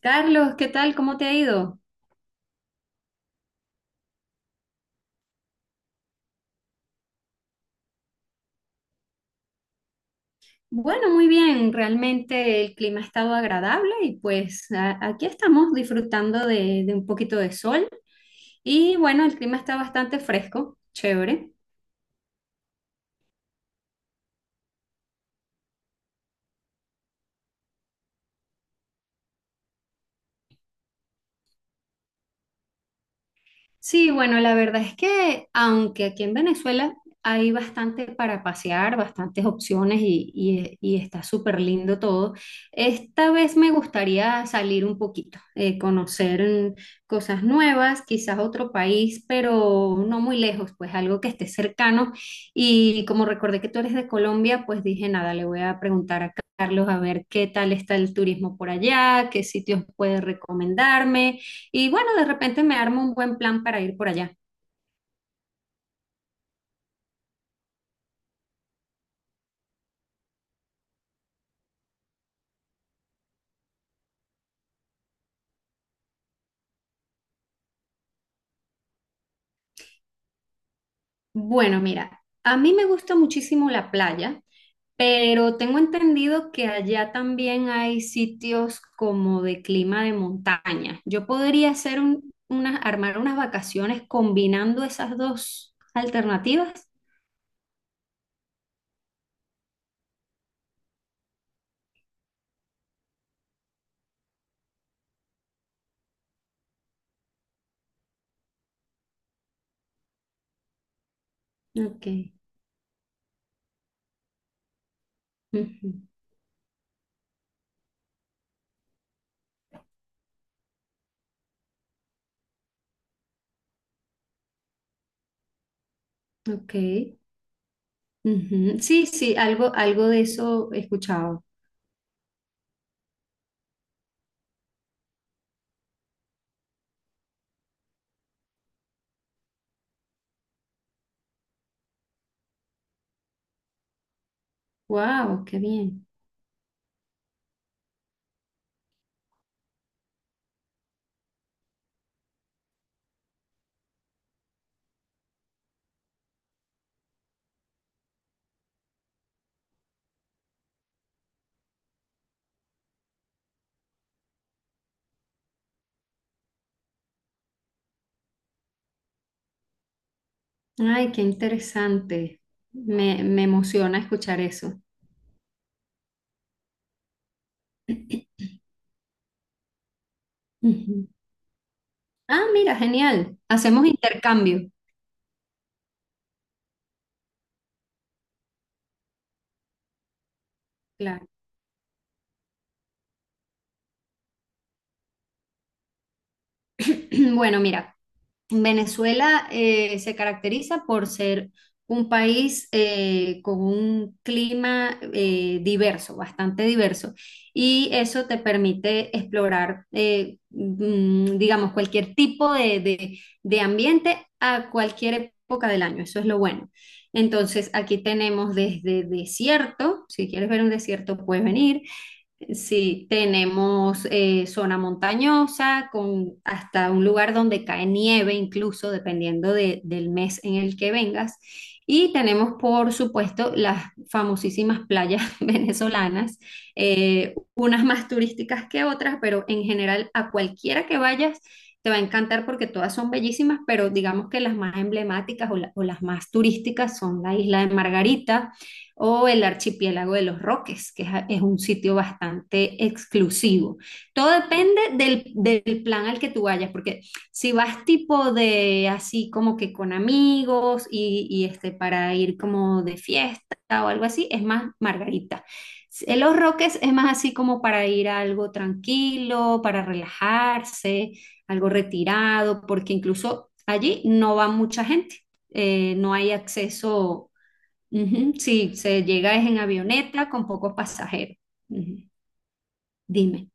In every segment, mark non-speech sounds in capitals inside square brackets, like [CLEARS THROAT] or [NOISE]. Carlos, ¿qué tal? ¿Cómo te ha ido? Bueno, muy bien. Realmente el clima ha estado agradable y pues aquí estamos disfrutando de un poquito de sol. Y bueno, el clima está bastante fresco, chévere. Sí, bueno, la verdad es que aunque aquí en Venezuela hay bastante para pasear, bastantes opciones y está súper lindo todo, esta vez me gustaría salir un poquito, conocer cosas nuevas, quizás otro país, pero no muy lejos, pues algo que esté cercano. Y como recordé que tú eres de Colombia, pues dije, nada, le voy a preguntar a Carlos a ver qué tal está el turismo por allá, qué sitios puede recomendarme. Y bueno, de repente me armo un buen plan para ir por allá. Bueno, mira, a mí me gusta muchísimo la playa, pero tengo entendido que allá también hay sitios como de clima de montaña. Yo podría hacer armar unas vacaciones combinando esas dos alternativas. Ok, ujú. Ok, ujú. Sí, sí, algo, algo de eso he escuchado. Wow, qué bien. Ay, qué interesante. Me emociona escuchar eso. Ujú. Ah, mira, genial. Hacemos intercambio. Claro. [CLEARS THROAT] Bueno, mira, Venezuela se caracteriza por ser un país con un clima diverso, bastante diverso, y eso te permite explorar, digamos, cualquier tipo de ambiente a cualquier época del año. Eso es lo bueno. Entonces, aquí tenemos desde desierto, si quieres ver un desierto, puedes venir. Sí, tenemos zona montañosa con hasta un lugar donde cae nieve, incluso dependiendo del mes en el que vengas. Y tenemos, por supuesto, las famosísimas playas [LAUGHS] venezolanas, unas más turísticas que otras, pero en general a cualquiera que vayas te va a encantar porque todas son bellísimas, pero digamos que las más emblemáticas o las más turísticas son la isla de Margarita o el archipiélago de los Roques, es un sitio bastante exclusivo. Todo depende del plan al que tú vayas, porque si vas tipo de así como que con amigos y este, para ir como de fiesta o algo así, es más Margarita. En los Roques es más así como para ir a algo tranquilo, para relajarse, algo retirado, porque incluso allí no va mucha gente, no hay acceso. Ujú, sí, se llega es en avioneta con pocos pasajeros. Ujú. Dime.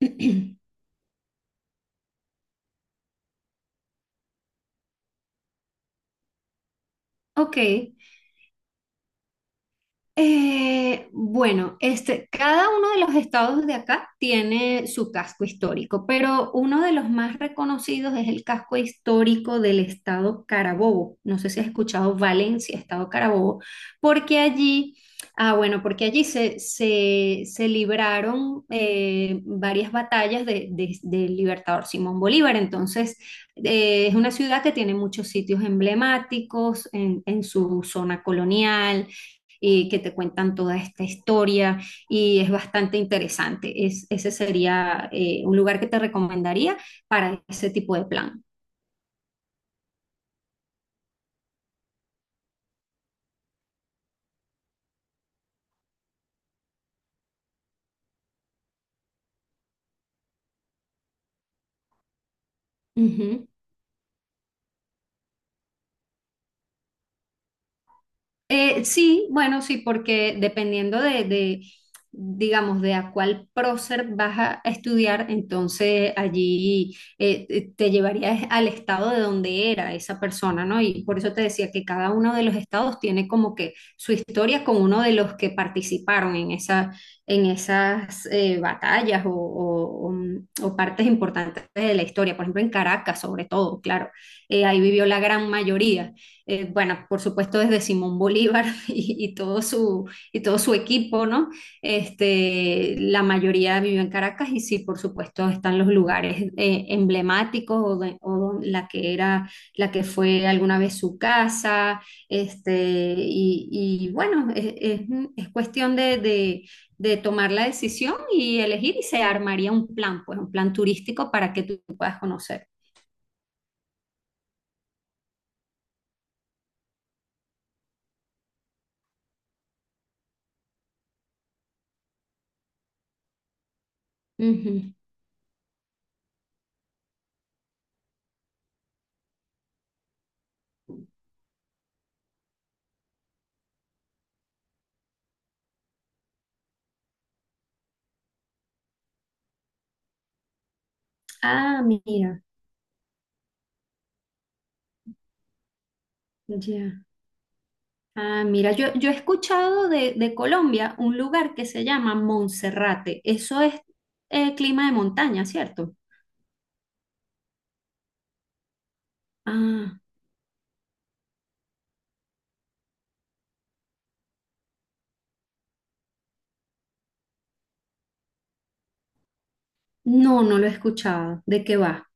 [CLEARS THROAT] Ok. Bueno, este, cada uno de los estados de acá tiene su casco histórico, pero uno de los más reconocidos es el casco histórico del estado Carabobo. No sé si has escuchado Valencia, estado Carabobo, porque allí, ah, bueno, porque allí se libraron varias batallas del libertador Simón Bolívar. Entonces, es una ciudad que tiene muchos sitios emblemáticos en su zona colonial que te cuentan toda esta historia y es bastante interesante. Es, ese sería un lugar que te recomendaría para ese tipo de plan. Ujú. Sí, bueno, sí, porque dependiendo digamos, de a cuál prócer vas a estudiar, entonces allí te llevarías al estado de donde era esa persona, ¿no? Y por eso te decía que cada uno de los estados tiene como que su historia con uno de los que participaron en esa, en esas batallas o partes importantes de la historia. Por ejemplo, en Caracas, sobre todo, claro, ahí vivió la gran mayoría. Bueno, por supuesto desde Simón Bolívar [LAUGHS] y todo su equipo, ¿no? Este, la mayoría vive en Caracas y sí, por supuesto, están los lugares emblemáticos o la que era, la que fue alguna vez su casa, este, y bueno, es cuestión de tomar la decisión y elegir y se armaría un plan, pues un plan turístico para que tú puedas conocer. Ujú. Ah, mira, ya. Ah, mira, yo he escuchado de Colombia un lugar que se llama Monserrate. Eso es clima de montaña, ¿cierto? Ah, no, no lo he escuchado. ¿De qué va?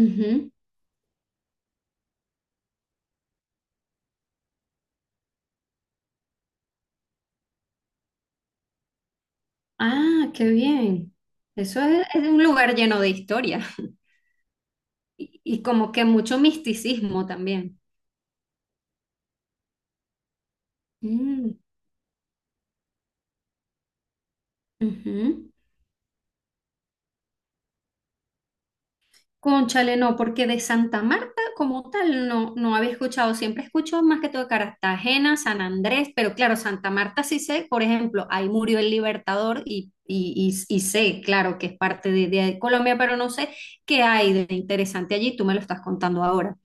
Ujú. Ah, qué bien. Eso es un lugar lleno de historia [LAUGHS] y como que mucho misticismo también. Mm, ujú. Cónchale, no, porque de Santa Marta como tal no, no había escuchado. Siempre escucho más que todo de Cartagena, San Andrés, pero claro, Santa Marta sí sé, por ejemplo, ahí murió el Libertador y sé, claro, que es parte de Colombia, pero no sé qué hay de interesante allí. Tú me lo estás contando ahora.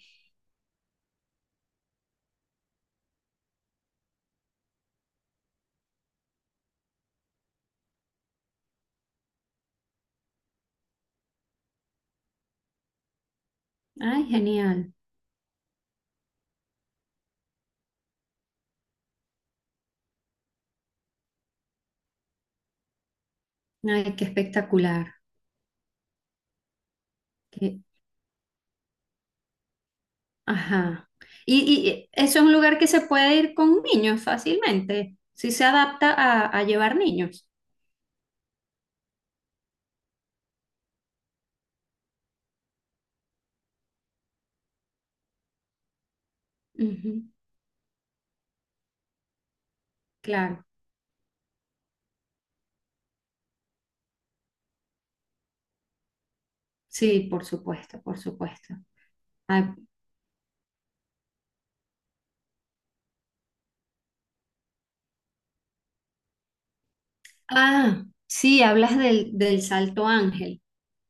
Ay, genial. Ay, qué espectacular. Qué- Ajá. Y eso es un lugar que se puede ir con niños fácilmente, si se adapta a llevar niños. Ujú, claro. Sí, por supuesto, por supuesto. Ay, ah, sí, hablas del, del Salto Ángel.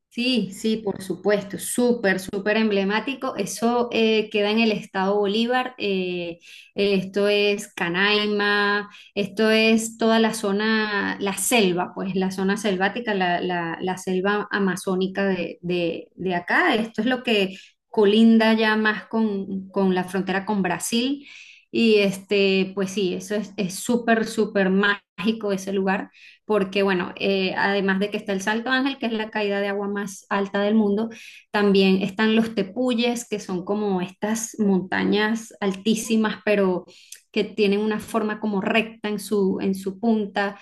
Sí, sí, por supuesto, súper, súper emblemático. Eso queda en el estado Bolívar. Esto es Canaima, esto es toda la zona, la selva, pues la zona selvática, la selva amazónica de acá. Esto es lo que colinda ya más con la frontera con Brasil. Y este, pues sí, eso es súper, súper mágico ese lugar porque bueno, además de que está el Salto Ángel, que es la caída de agua más alta del mundo, también están los tepuyes, que son como estas montañas altísimas, pero que tienen una forma como recta en su punta.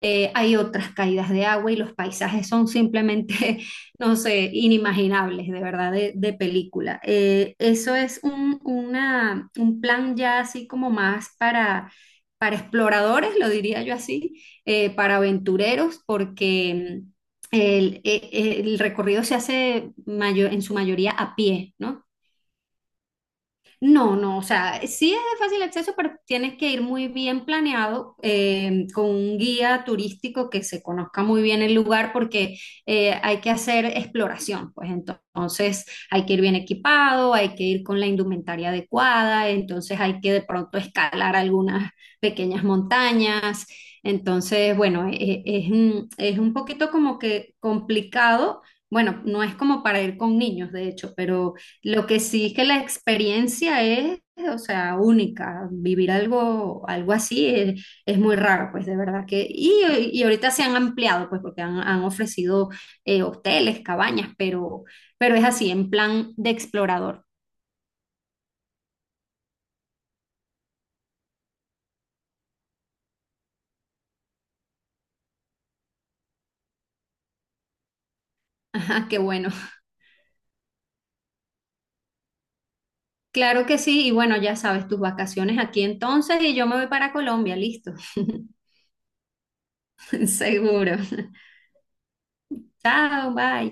Hay otras caídas de agua y los paisajes son simplemente, [LAUGHS] no sé, inimaginables, de verdad, de película. Eso es un plan ya así como más para exploradores, lo diría yo así, para aventureros, porque el recorrido se hace en su mayoría a pie, ¿no? No, no, o sea, sí es de fácil acceso, pero tienes que ir muy bien planeado con un guía turístico que se conozca muy bien el lugar porque hay que hacer exploración, pues entonces hay que ir bien equipado, hay que ir con la indumentaria adecuada, entonces hay que de pronto escalar algunas pequeñas montañas, entonces bueno, es un poquito como que complicado, bueno, no es como para ir con niños, de hecho, pero... Lo que sí es que la experiencia es, o sea, única. Vivir algo, algo así es muy raro, pues de verdad que... Y, y ahorita se han ampliado, pues porque han, han ofrecido hoteles, cabañas, pero es así, en plan de explorador. [LAUGHS] Ajá, qué bueno. Claro que sí, y bueno, ya sabes, tus vacaciones aquí entonces y yo me voy para Colombia, listo. [LAUGHS] Seguro. Chao, bye.